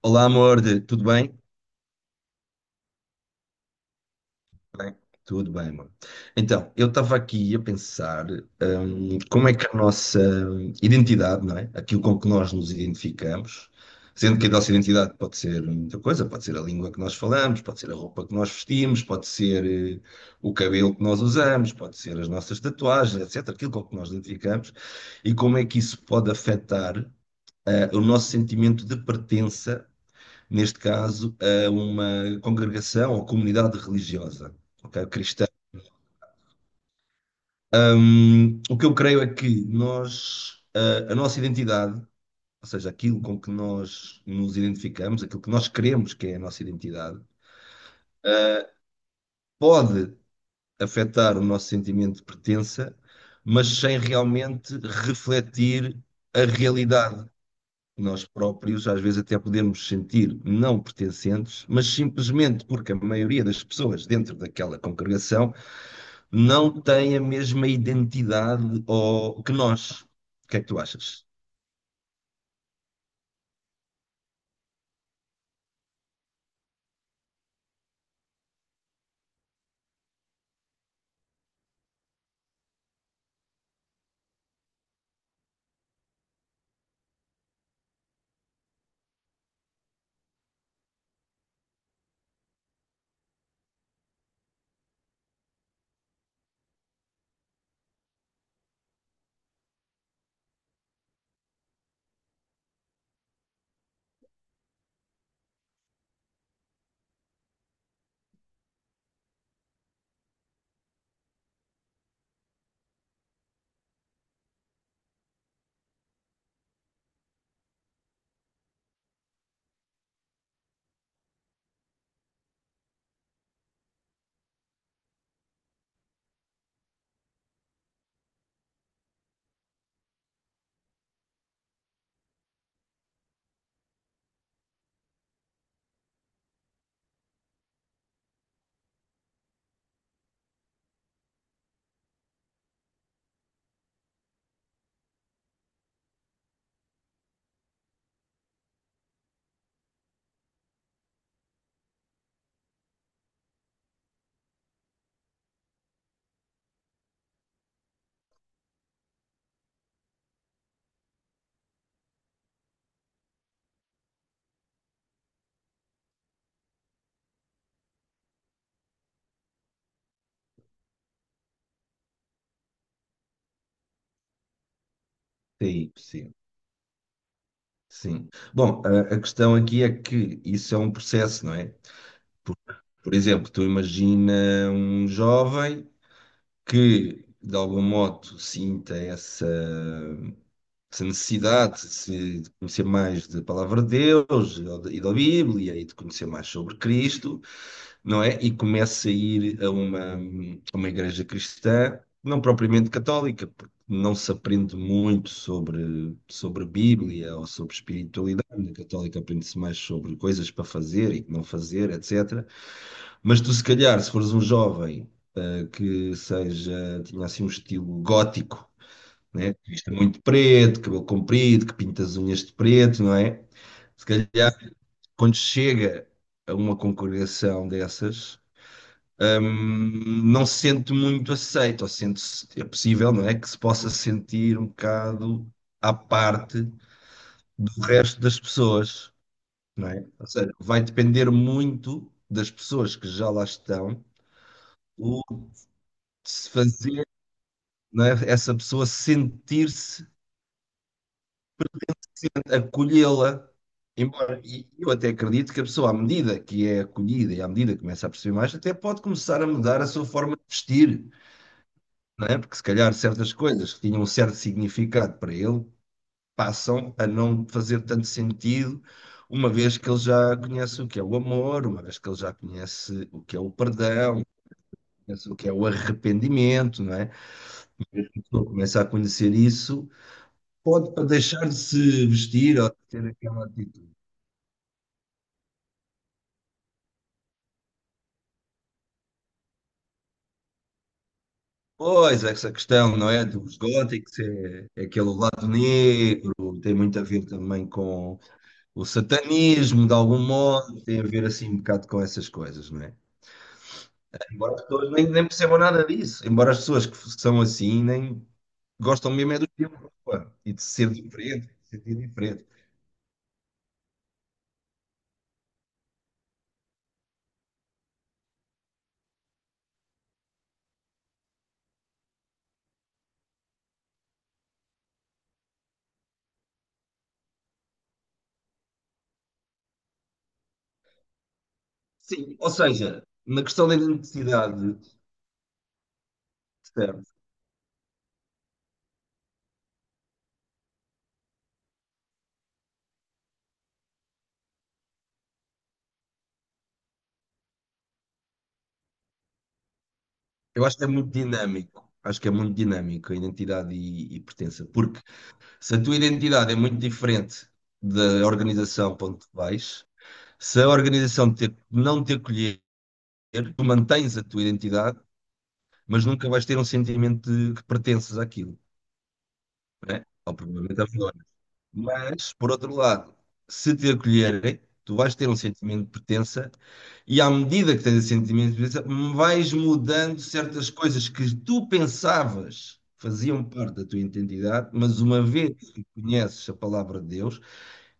Olá, amor, tudo bem? Bem, tudo bem, amor. Então, eu estava aqui a pensar, como é que a nossa identidade, não é? Aquilo com que nós nos identificamos, sendo que a nossa identidade pode ser muita coisa, pode ser a língua que nós falamos, pode ser a roupa que nós vestimos, pode ser, eh, o cabelo que nós usamos, pode ser as nossas tatuagens, etc. Aquilo com que nós identificamos, e como é que isso pode afetar, o nosso sentimento de pertença neste caso, a uma congregação ou comunidade religiosa, ok? Cristã. O que eu creio é que nós, a nossa identidade, ou seja, aquilo com que nós nos identificamos, aquilo que nós queremos que é a nossa identidade, pode afetar o nosso sentimento de pertença, mas sem realmente refletir a realidade. Nós próprios, às vezes, até podemos sentir não pertencentes, mas simplesmente porque a maioria das pessoas dentro daquela congregação não tem a mesma identidade ou, que nós. O que é que tu achas? Sim, sim, sim. Bom, a questão aqui é que isso é um processo, não é? Por, por exemplo, tu imagina um jovem que, de algum modo, sinta essa necessidade de conhecer mais da palavra de Deus e da Bíblia e de conhecer mais sobre Cristo, não é? E começo a ir a uma igreja cristã, não propriamente católica, porque não se aprende muito sobre, sobre Bíblia ou sobre espiritualidade. Na católica aprende-se mais sobre coisas para fazer e que não fazer, etc. Mas tu, se calhar, se fores um jovem que seja, tinha assim um estilo gótico, né? Vista muito preto, cabelo comprido, que pinta as unhas de preto, não é? Se calhar, quando chega a uma congregação dessas, hum, não se sente muito aceito, ou sente-se, é possível, não é? Que se possa sentir um bocado à parte do resto das pessoas, não é? Ou seja, vai depender muito das pessoas que já lá estão, o se fazer, não é? Essa pessoa sentir-se acolhê-la. Embora, e eu até acredito que a pessoa, à medida que é acolhida e à medida que começa a perceber mais, até pode começar a mudar a sua forma de vestir, não é? Porque se calhar certas coisas que tinham um certo significado para ele passam a não fazer tanto sentido, uma vez que ele já conhece o que é o amor, uma vez que ele já conhece o que é o perdão, conhece o que é o arrependimento, não é? Quando começa a conhecer isso, pode para deixar de se vestir ou de ter aquela atitude. Pois, essa questão, não é? Dos góticos, é, é aquele lado negro, tem muito a ver também com o satanismo, de algum modo, tem a ver assim um bocado com essas coisas, não é? Embora as pessoas nem, nem percebam nada disso, embora as pessoas que são assim nem gostam mesmo é do tempo pá, e de ser diferente, de sentir diferente. Sim, ou seja, na questão da identidade, certo, eu acho que é muito dinâmico. Acho que é muito dinâmico a identidade e pertença, porque se a tua identidade é muito diferente da organização para onde tu vais, se a organização te, não te acolher, tu mantens a tua identidade, mas nunca vais ter um sentimento de que pertences àquilo, né? Ou provavelmente à Fedora. Mas, por outro lado, se te acolherem, tu vais ter um sentimento de pertença e à medida que tens esse sentimento de pertença, vais mudando certas coisas que tu pensavas faziam parte da tua identidade, mas uma vez que conheces a palavra de Deus,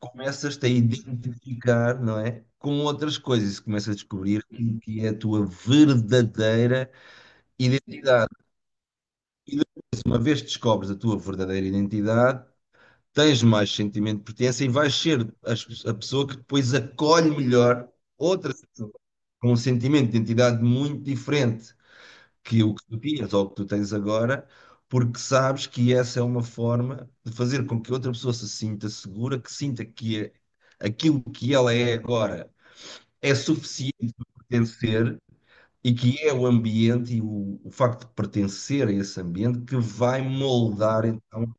começas-te a identificar, não é? Com outras coisas, e começas a descobrir o que é a tua verdadeira identidade. E depois, uma vez que descobres a tua verdadeira identidade, tens mais sentimento de pertença e vais ser a pessoa que depois acolhe melhor outras pessoas com um sentimento de identidade muito diferente que o que tu tinhas ou que tu tens agora, porque sabes que essa é uma forma de fazer com que outra pessoa se sinta segura, que sinta aquilo que ela é agora é suficiente para pertencer e que é o ambiente e o facto de pertencer a esse ambiente que vai moldar, então,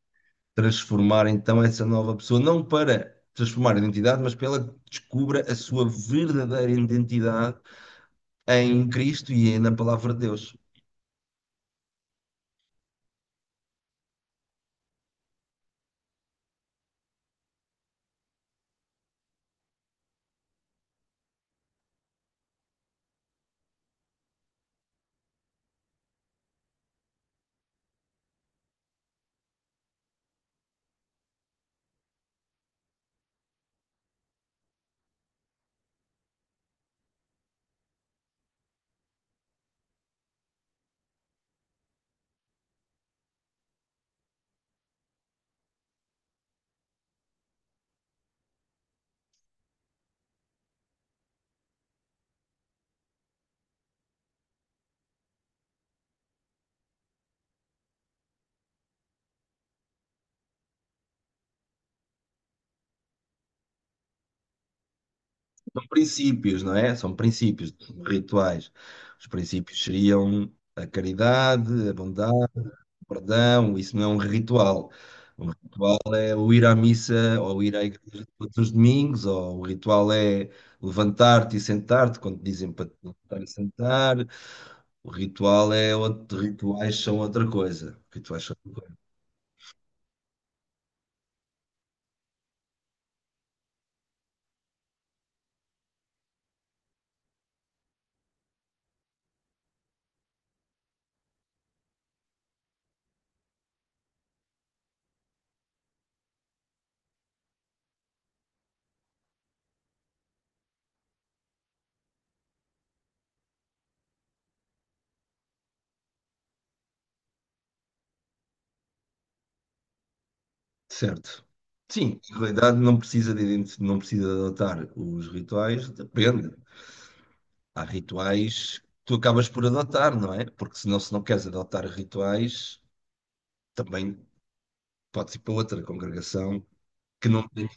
transformar então essa nova pessoa, não para transformar a identidade, mas para ela que descubra a sua verdadeira identidade em Cristo e na palavra de Deus. São princípios, não é? São princípios, são rituais. Os princípios seriam a caridade, a bondade, o perdão, isso não é um ritual. Um o ir à missa ou ir à igreja todos os domingos, ou o ritual é levantar-te e sentar-te, quando te dizem para te levantar e sentar, o ritual é outro, rituais são outra coisa. Rituais são outra coisa. Certo. Sim, na realidade não precisa de, não precisa de adotar os rituais, depende. Há rituais que tu acabas por adotar, não é? Porque senão, se não queres adotar rituais, também podes ir para outra congregação que não tem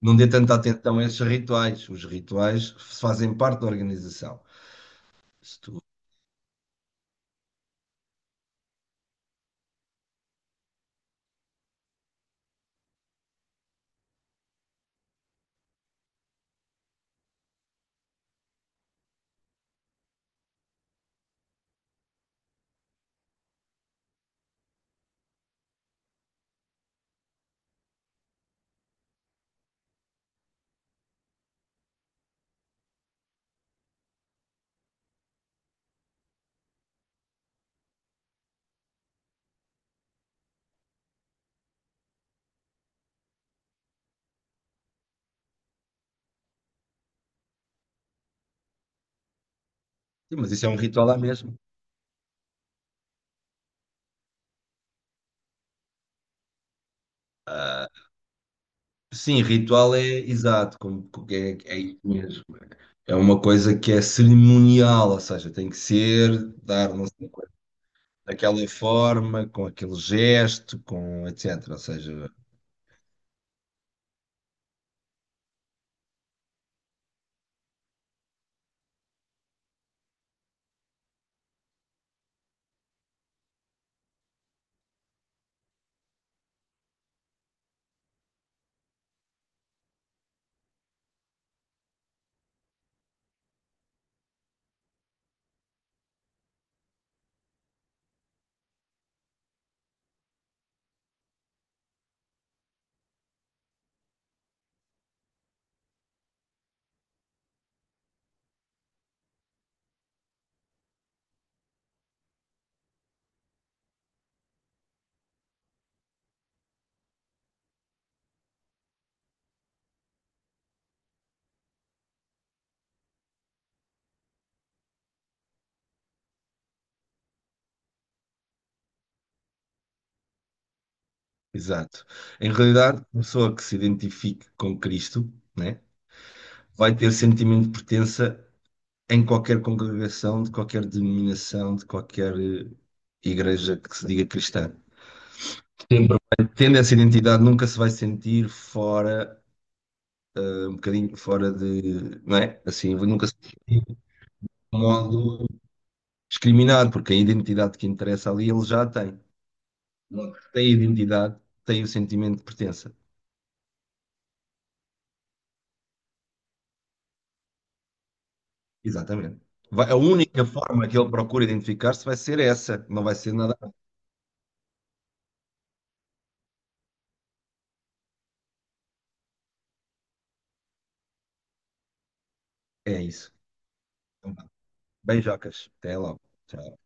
não dê tanta atenção a esses rituais. Os rituais fazem parte da organização. Se tu- Sim, mas isso é um ritual lá mesmo. Sim, ritual é exato, como, como é, é isso mesmo. É uma coisa que é cerimonial, ou seja, tem que ser, dar não sei, quanto, daquela forma, com aquele gesto, com etc. Ou seja, exato. Em realidade, a pessoa que se identifique com Cristo, né, vai ter sentimento de pertença em qualquer congregação, de qualquer denominação, de qualquer igreja que se diga cristã. Sempre vai- Tendo essa identidade, nunca se vai sentir fora, um bocadinho fora de, não é? Assim, nunca se sente de modo discriminado, porque a identidade que interessa ali ele já a tem. Tem a identidade, tem o sentimento de pertença. Exatamente. A única forma que ele procura identificar-se vai ser essa, não vai ser nada. É isso. Beijocas. Até logo. Tchau.